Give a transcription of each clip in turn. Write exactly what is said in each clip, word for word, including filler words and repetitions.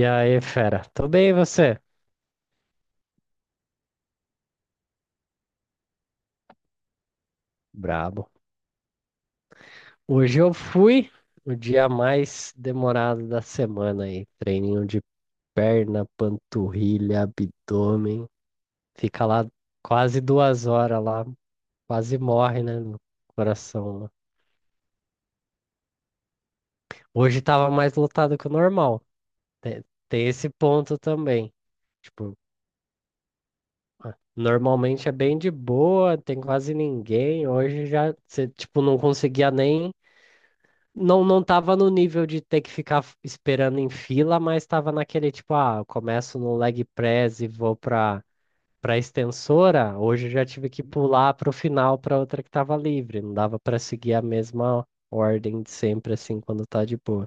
E aí, fera, tudo bem e você? Brabo. Hoje eu fui o dia mais demorado da semana aí. Treininho de perna, panturrilha, abdômen. Fica lá quase duas horas lá, quase morre, né, no coração lá. Hoje tava mais lotado que o normal. Tem, tem esse ponto também. Tipo, normalmente é bem de boa, tem quase ninguém. Hoje já, você, tipo, não conseguia nem. Não, não tava no nível de ter que ficar f- esperando em fila, mas tava naquele tipo, ah, eu começo no leg press e vou pra, pra extensora. Hoje eu já tive que pular pro final pra outra que tava livre. Não dava pra seguir a mesma ordem de sempre, assim, quando tá de boa.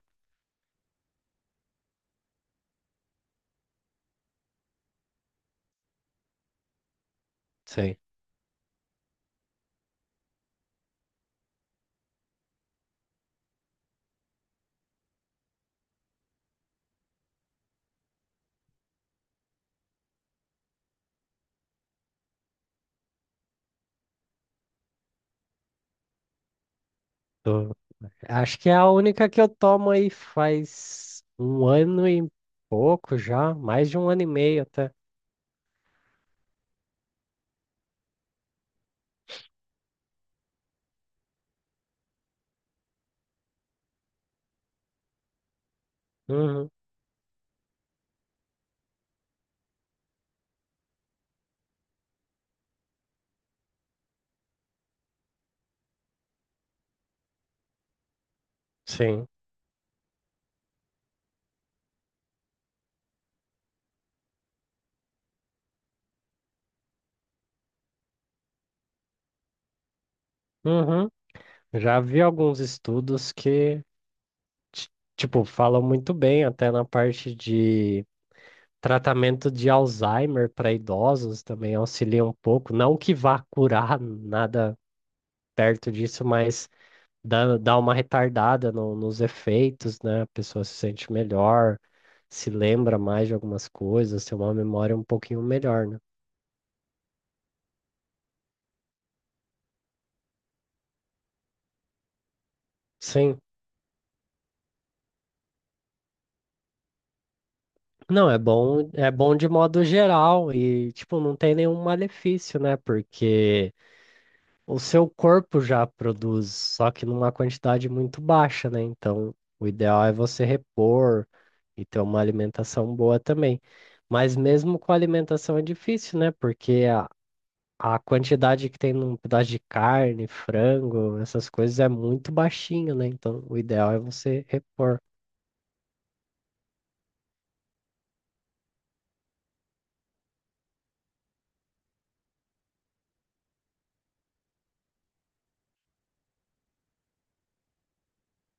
Sei. Tô- Acho que é a única que eu tomo aí faz um ano e pouco já, mais de um ano e meio até. Uhum. Sim. Uhum. Já vi alguns estudos que ti- tipo, falam muito bem até na parte de tratamento de Alzheimer para idosos também auxilia um pouco. Não que vá curar nada perto disso, mas dá, dá uma retardada no- nos efeitos, né? A pessoa se sente melhor, se lembra mais de algumas coisas, tem uma memória um pouquinho melhor, né? Sim. Não, é bom, é bom de modo geral e, tipo, não tem nenhum malefício, né? Porque o seu corpo já produz, só que numa quantidade muito baixa, né? Então, o ideal é você repor e ter uma alimentação boa também. Mas mesmo com a alimentação é difícil, né? Porque a, a quantidade que tem num pedaço de carne, frango, essas coisas é muito baixinho, né? Então, o ideal é você repor.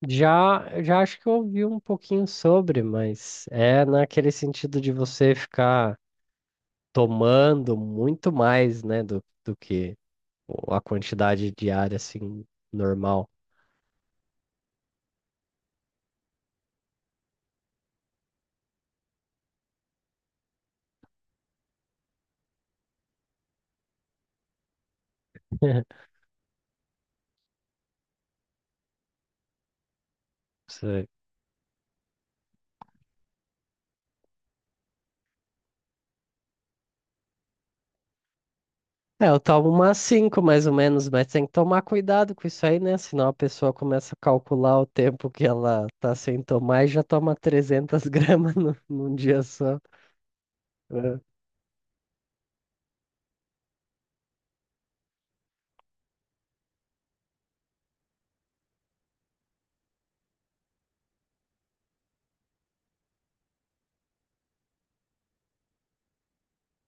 Já, já acho que eu ouvi um pouquinho sobre, mas é naquele sentido de você ficar tomando muito mais, né, do, do que o- a quantidade diária, assim, normal. Você- É, eu tomo umas cinco mais ou menos, mas tem que tomar cuidado com isso aí, né? Senão a pessoa começa a calcular o tempo que ela tá sem tomar e já toma trezentas gramas no, num dia só. É.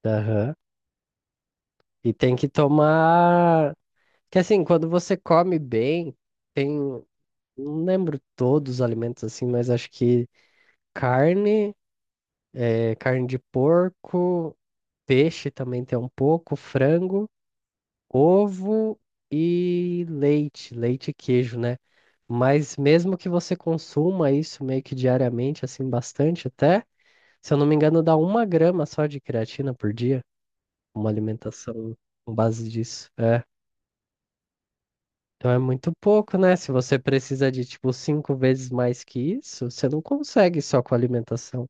Aham. E tem que tomar. Que assim, quando você come bem, tem. Não lembro todos os alimentos assim, mas acho que carne, é, carne de porco, peixe também tem um pouco, frango. Ovo e leite, leite e queijo, né? Mas mesmo que você consuma isso meio que diariamente, assim, bastante até, se eu não me engano, dá uma grama só de creatina por dia, uma alimentação com base disso. É. Então é muito pouco, né? Se você precisa de, tipo, cinco vezes mais que isso, você não consegue só com alimentação.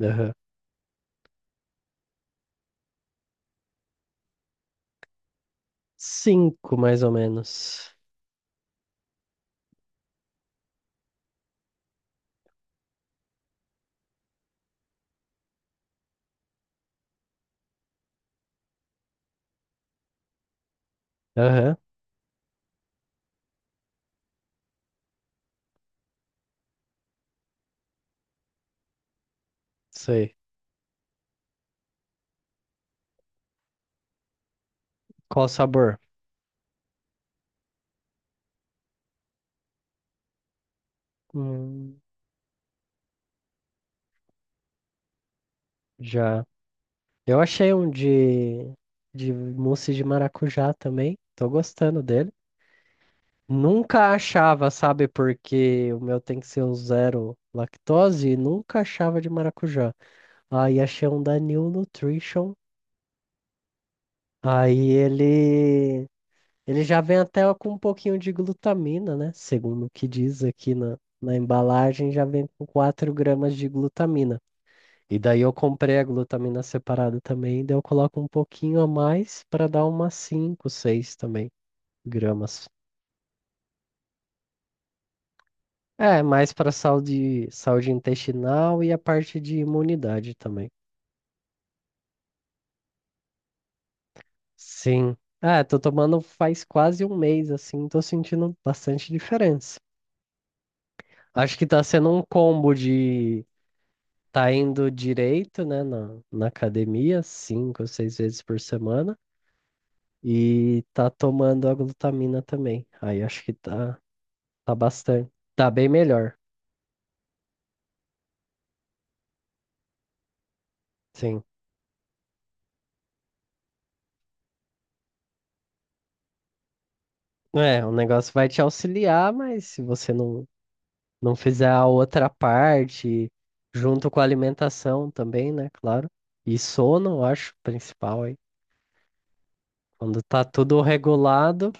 Aham. Cinco, mais ou menos. Aham, sei. Qual sabor? Hum, já. Eu achei um de, de mousse de maracujá também. Tô gostando dele. Nunca achava, sabe, porque o meu tem que ser o zero lactose e nunca achava de maracujá. Aí achei um da New Nutrition. Aí ele, ele já vem até com um pouquinho de glutamina, né? Segundo o que diz aqui na, na embalagem, já vem com quatro gramas de glutamina. E daí eu comprei a glutamina separada também, daí eu coloco um pouquinho a mais para dar umas cinco, seis também gramas. É, mais para saúde, saúde intestinal e a parte de imunidade também. Sim. É, tô tomando faz quase um mês assim, tô sentindo bastante diferença. Acho que tá sendo um combo de tá indo direito, né, na, na academia, cinco ou seis vezes por semana, e tá tomando a glutamina também. Aí acho que tá. Tá bastante. Tá bem melhor, sim. É, o negócio vai te auxiliar, mas se você não, não fizer a outra parte, junto com a alimentação também, né? Claro. E sono, eu acho, principal aí. Quando tá tudo regulado,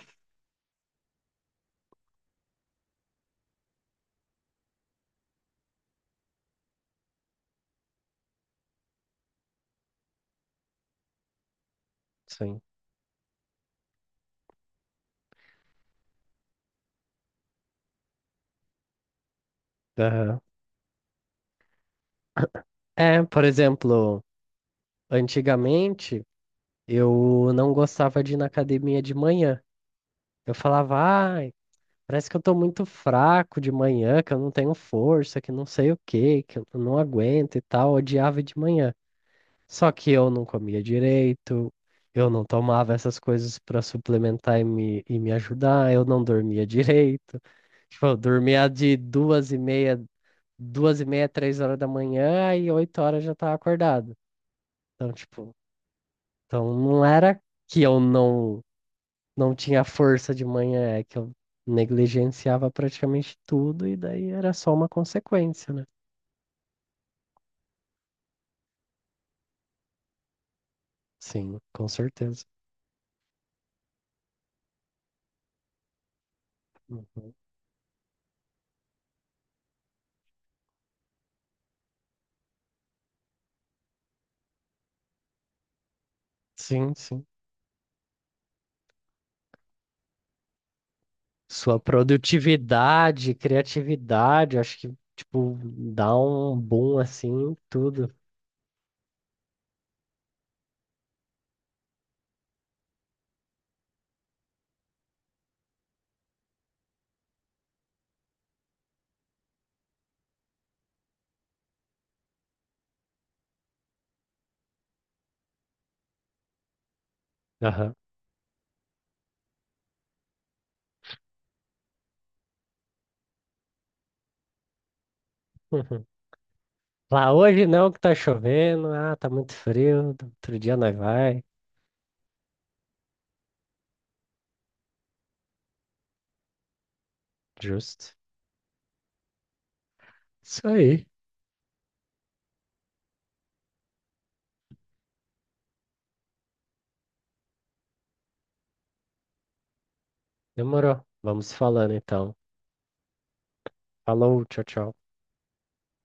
sim. Aham. É, por exemplo, antigamente eu não gostava de ir na academia de manhã. Eu falava, ah, parece que eu tô muito fraco de manhã, que eu não tenho força, que não sei o quê, que eu não aguento e tal. Eu odiava de manhã. Só que eu não comia direito, eu não tomava essas coisas pra suplementar e me, e me ajudar, eu não dormia direito. Tipo, eu dormia de duas e meia, duas e meia, três horas da manhã e oito horas já tava acordado. Então, tipo, então não era que eu não não tinha força de manhã, é que eu negligenciava praticamente tudo e daí era só uma consequência, né? Sim, com certeza. Uhum. Sim, sim. Sua produtividade, criatividade, acho que, tipo, dá um boom assim, em tudo. Aham. Uhum. Lá hoje não, que tá chovendo, ah, tá muito frio, outro dia nós vai. Justo. Isso aí. Demorou. Vamos falando então. Falou, tchau, tchau.